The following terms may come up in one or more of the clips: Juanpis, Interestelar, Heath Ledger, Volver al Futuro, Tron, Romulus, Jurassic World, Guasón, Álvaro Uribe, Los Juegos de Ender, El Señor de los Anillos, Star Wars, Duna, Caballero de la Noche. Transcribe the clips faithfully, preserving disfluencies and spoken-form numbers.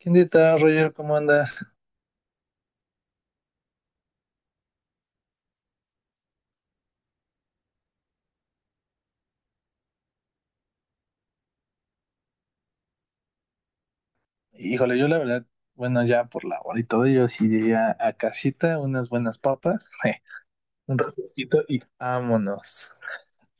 ¿Qué onda, Roger? ¿Cómo andas? Híjole, yo la verdad, bueno, ya por la hora y todo, yo sí diría a casita, unas buenas papas, un refresquito y vámonos.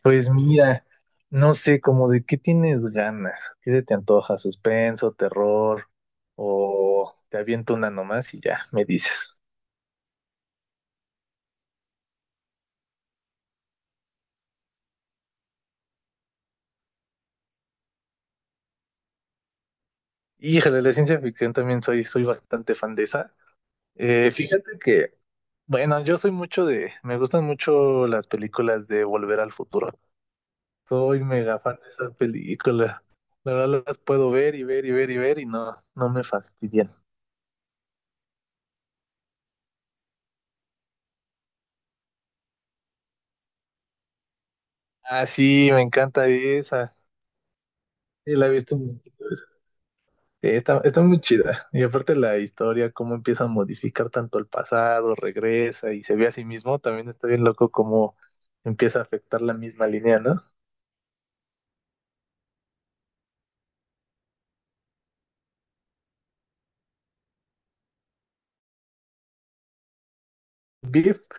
Pues mira, no sé, como de qué tienes ganas, qué se te antoja, suspenso, terror, o te aviento una nomás y ya me dices. Híjole, la ciencia ficción también soy, soy bastante fan de esa. Eh, fíjate que, bueno, yo soy mucho de, me gustan mucho las películas de Volver al Futuro. Soy mega fan de esas películas. La verdad las puedo ver y ver y ver y ver y no, no me fastidian. Ah, sí, me encanta esa. Sí, la he visto un poquito esa. Sí, está, está muy chida. Y aparte la historia, cómo empieza a modificar tanto el pasado, regresa y se ve a sí mismo, también está bien loco cómo empieza a afectar la misma línea, ¿no? Biff,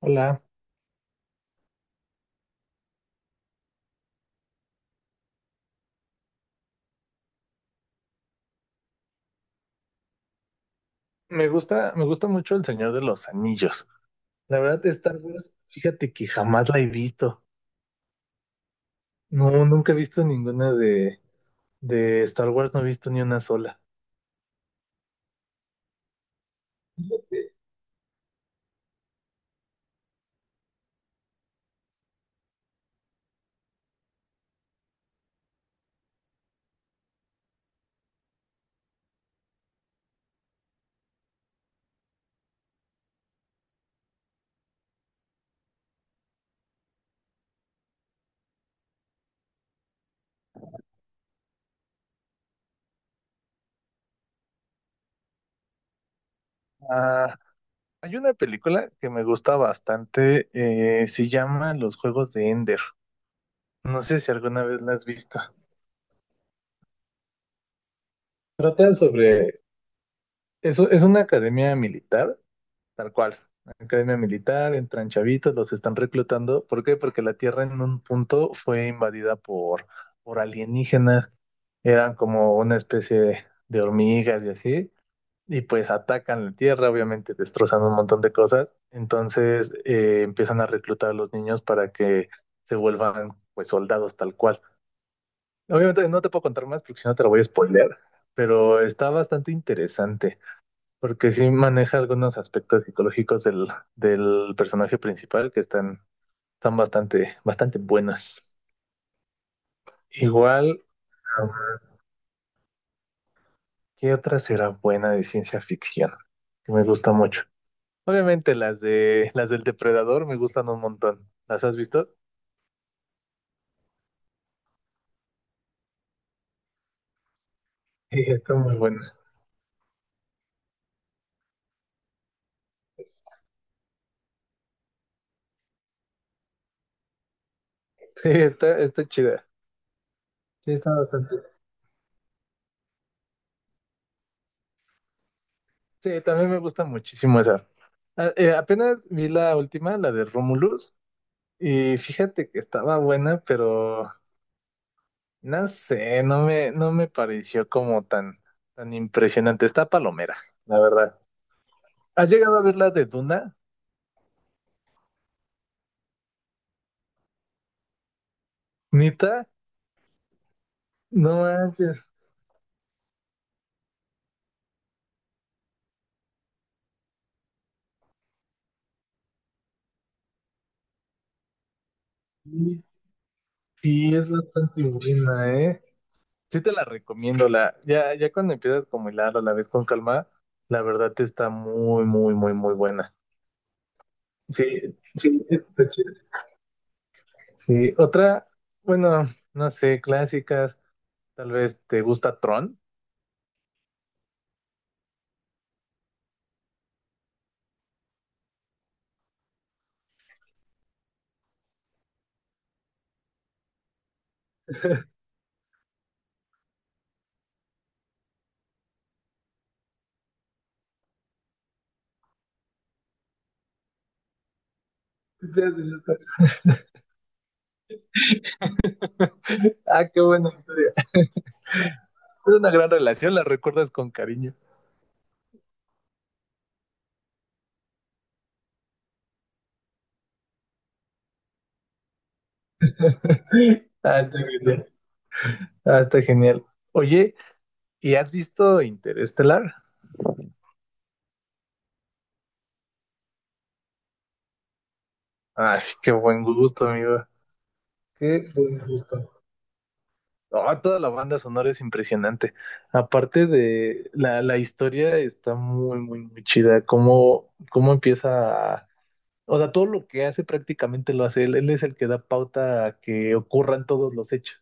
hola. Me gusta, me gusta mucho El Señor de los Anillos. La verdad, Star Wars, fíjate que jamás la he visto. No, nunca he visto ninguna de, de Star Wars no he visto ni una sola. Ah, hay una película que me gusta bastante, eh, se llama Los Juegos de Ender. No sé si alguna vez la has visto. Trata sobre, eso es una academia militar, tal cual. Academia militar, entran chavitos, los están reclutando. ¿Por qué? Porque la Tierra en un punto fue invadida por, por alienígenas. Eran como una especie de hormigas y así. Y pues atacan la tierra, obviamente destrozando un montón de cosas. Entonces eh, empiezan a reclutar a los niños para que se vuelvan pues soldados tal cual. Obviamente no te puedo contar más porque si no te lo voy a spoilear, pero está bastante interesante porque sí maneja algunos aspectos psicológicos del, del personaje principal que están, están bastante, bastante buenos. Igual, ¿qué otra será buena de ciencia ficción? Que me gusta mucho. Obviamente las de las del depredador me gustan un montón. ¿Las has visto? Sí, está muy buena. Sí, está, está chida. Sí, está bastante. Sí, también me gusta muchísimo esa. A- eh, apenas vi la última, la de Romulus, y fíjate que estaba buena, pero no sé, no me, no me pareció como tan, tan impresionante. Está palomera, la verdad. ¿Has llegado a ver la de Duna? Nita, no manches. Sí, sí, es bastante buena, ¿eh? Sí te la recomiendo, la, ya, ya cuando empiezas como hilarla, la ves con calma, la verdad te está muy, muy, muy, muy buena. Sí, sí, sí, está chida. Sí, otra, bueno, no sé, clásicas, tal vez te gusta Tron. Ya sé, ya está, chida. Ah, qué buena historia. Es una gran relación, la recuerdas con cariño. Ah, está genial. Ah, está genial. Oye, ¿y has visto Interestelar? Ah, sí, qué buen gusto, amigo. Qué buen gusto. Ah, toda la banda sonora es impresionante. Aparte de la, la historia está muy, muy, muy chida. Cómo, cómo empieza a- O sea, todo lo que hace prácticamente lo hace él. Él es el que da pauta a que ocurran todos los hechos.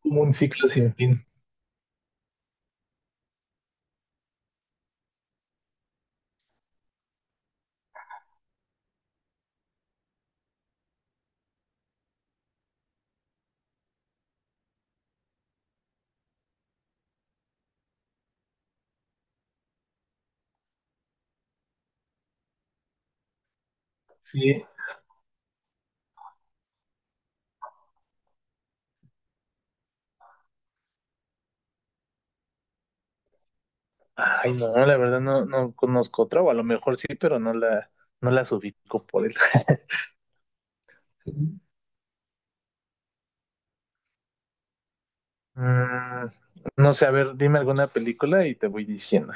Como un ciclo sin fin. Sí. Ay, no, la verdad no, no conozco otra, o a lo mejor sí, pero no la, no las ubico por él. Mm, no sé, a ver, dime alguna película y te voy diciendo.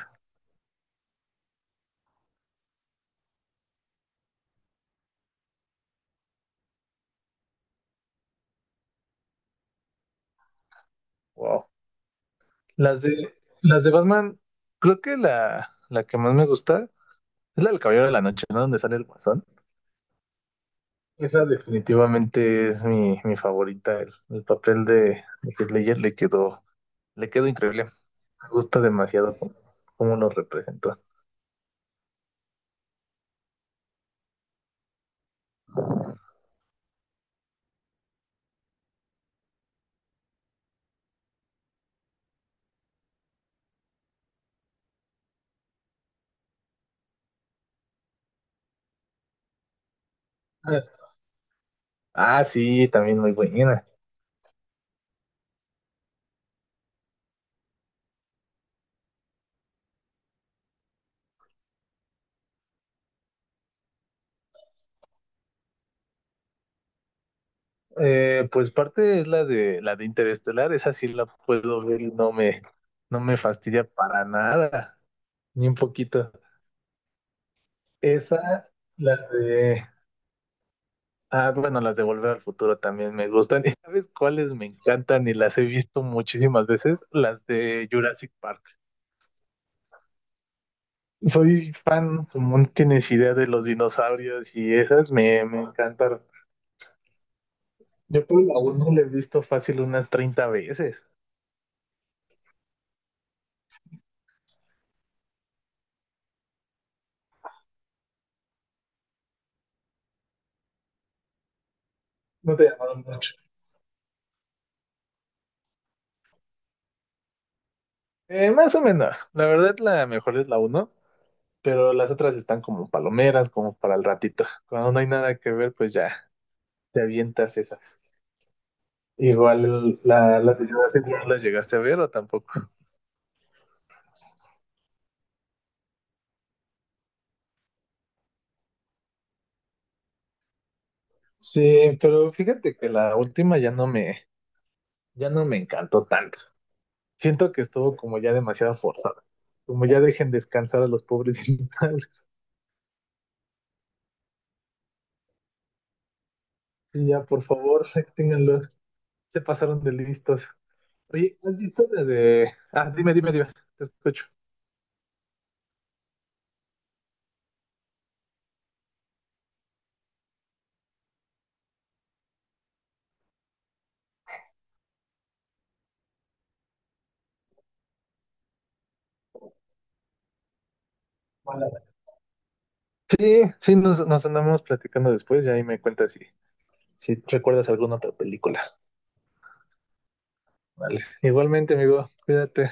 Wow. Las de, las de Batman, creo que la, la que más me gusta es la del Caballero de la Noche, ¿no? Donde sale el Guasón. Esa definitivamente es mi, mi favorita. El, el papel de, de Heath Ledger le quedó, le quedó increíble. Me gusta demasiado cómo, cómo lo representó. Ah, ah, sí, también muy buena. Eh, pues parte es la de la de Interestelar, esa sí la puedo ver y no me, no me fastidia para nada, ni un poquito. Esa, la de Ah, bueno, las de Volver al Futuro también me gustan. ¿Y sabes cuáles me encantan? Y las he visto muchísimas veces, las de Jurassic Park. Soy fan, como no tienes idea de los dinosaurios y esas me, me encantan. Yo creo que aún no la he visto fácil unas treinta veces. No te llamaron mucho. Eh, más o menos. La verdad, la mejor es la uno, pero las otras están como palomeras, como para el ratito. Cuando no hay nada que ver, pues ya te avientas esas. Igual la, la de Jurassic World las llegaste a ver o tampoco. Sí, pero fíjate que la última ya no me, ya no me encantó tanto. Siento que estuvo como ya demasiado forzada. Como ya dejen descansar a los pobres dinosaurios. Y ya, por favor, extínganlos. Se pasaron de listos. Oye, ¿has visto la de...? Ah, dime, dime, dime. Te escucho. Hola. Sí, sí, nos, nos andamos platicando después y ahí me cuentas si, si recuerdas alguna otra película. Vale. Igualmente, amigo. Cuídate.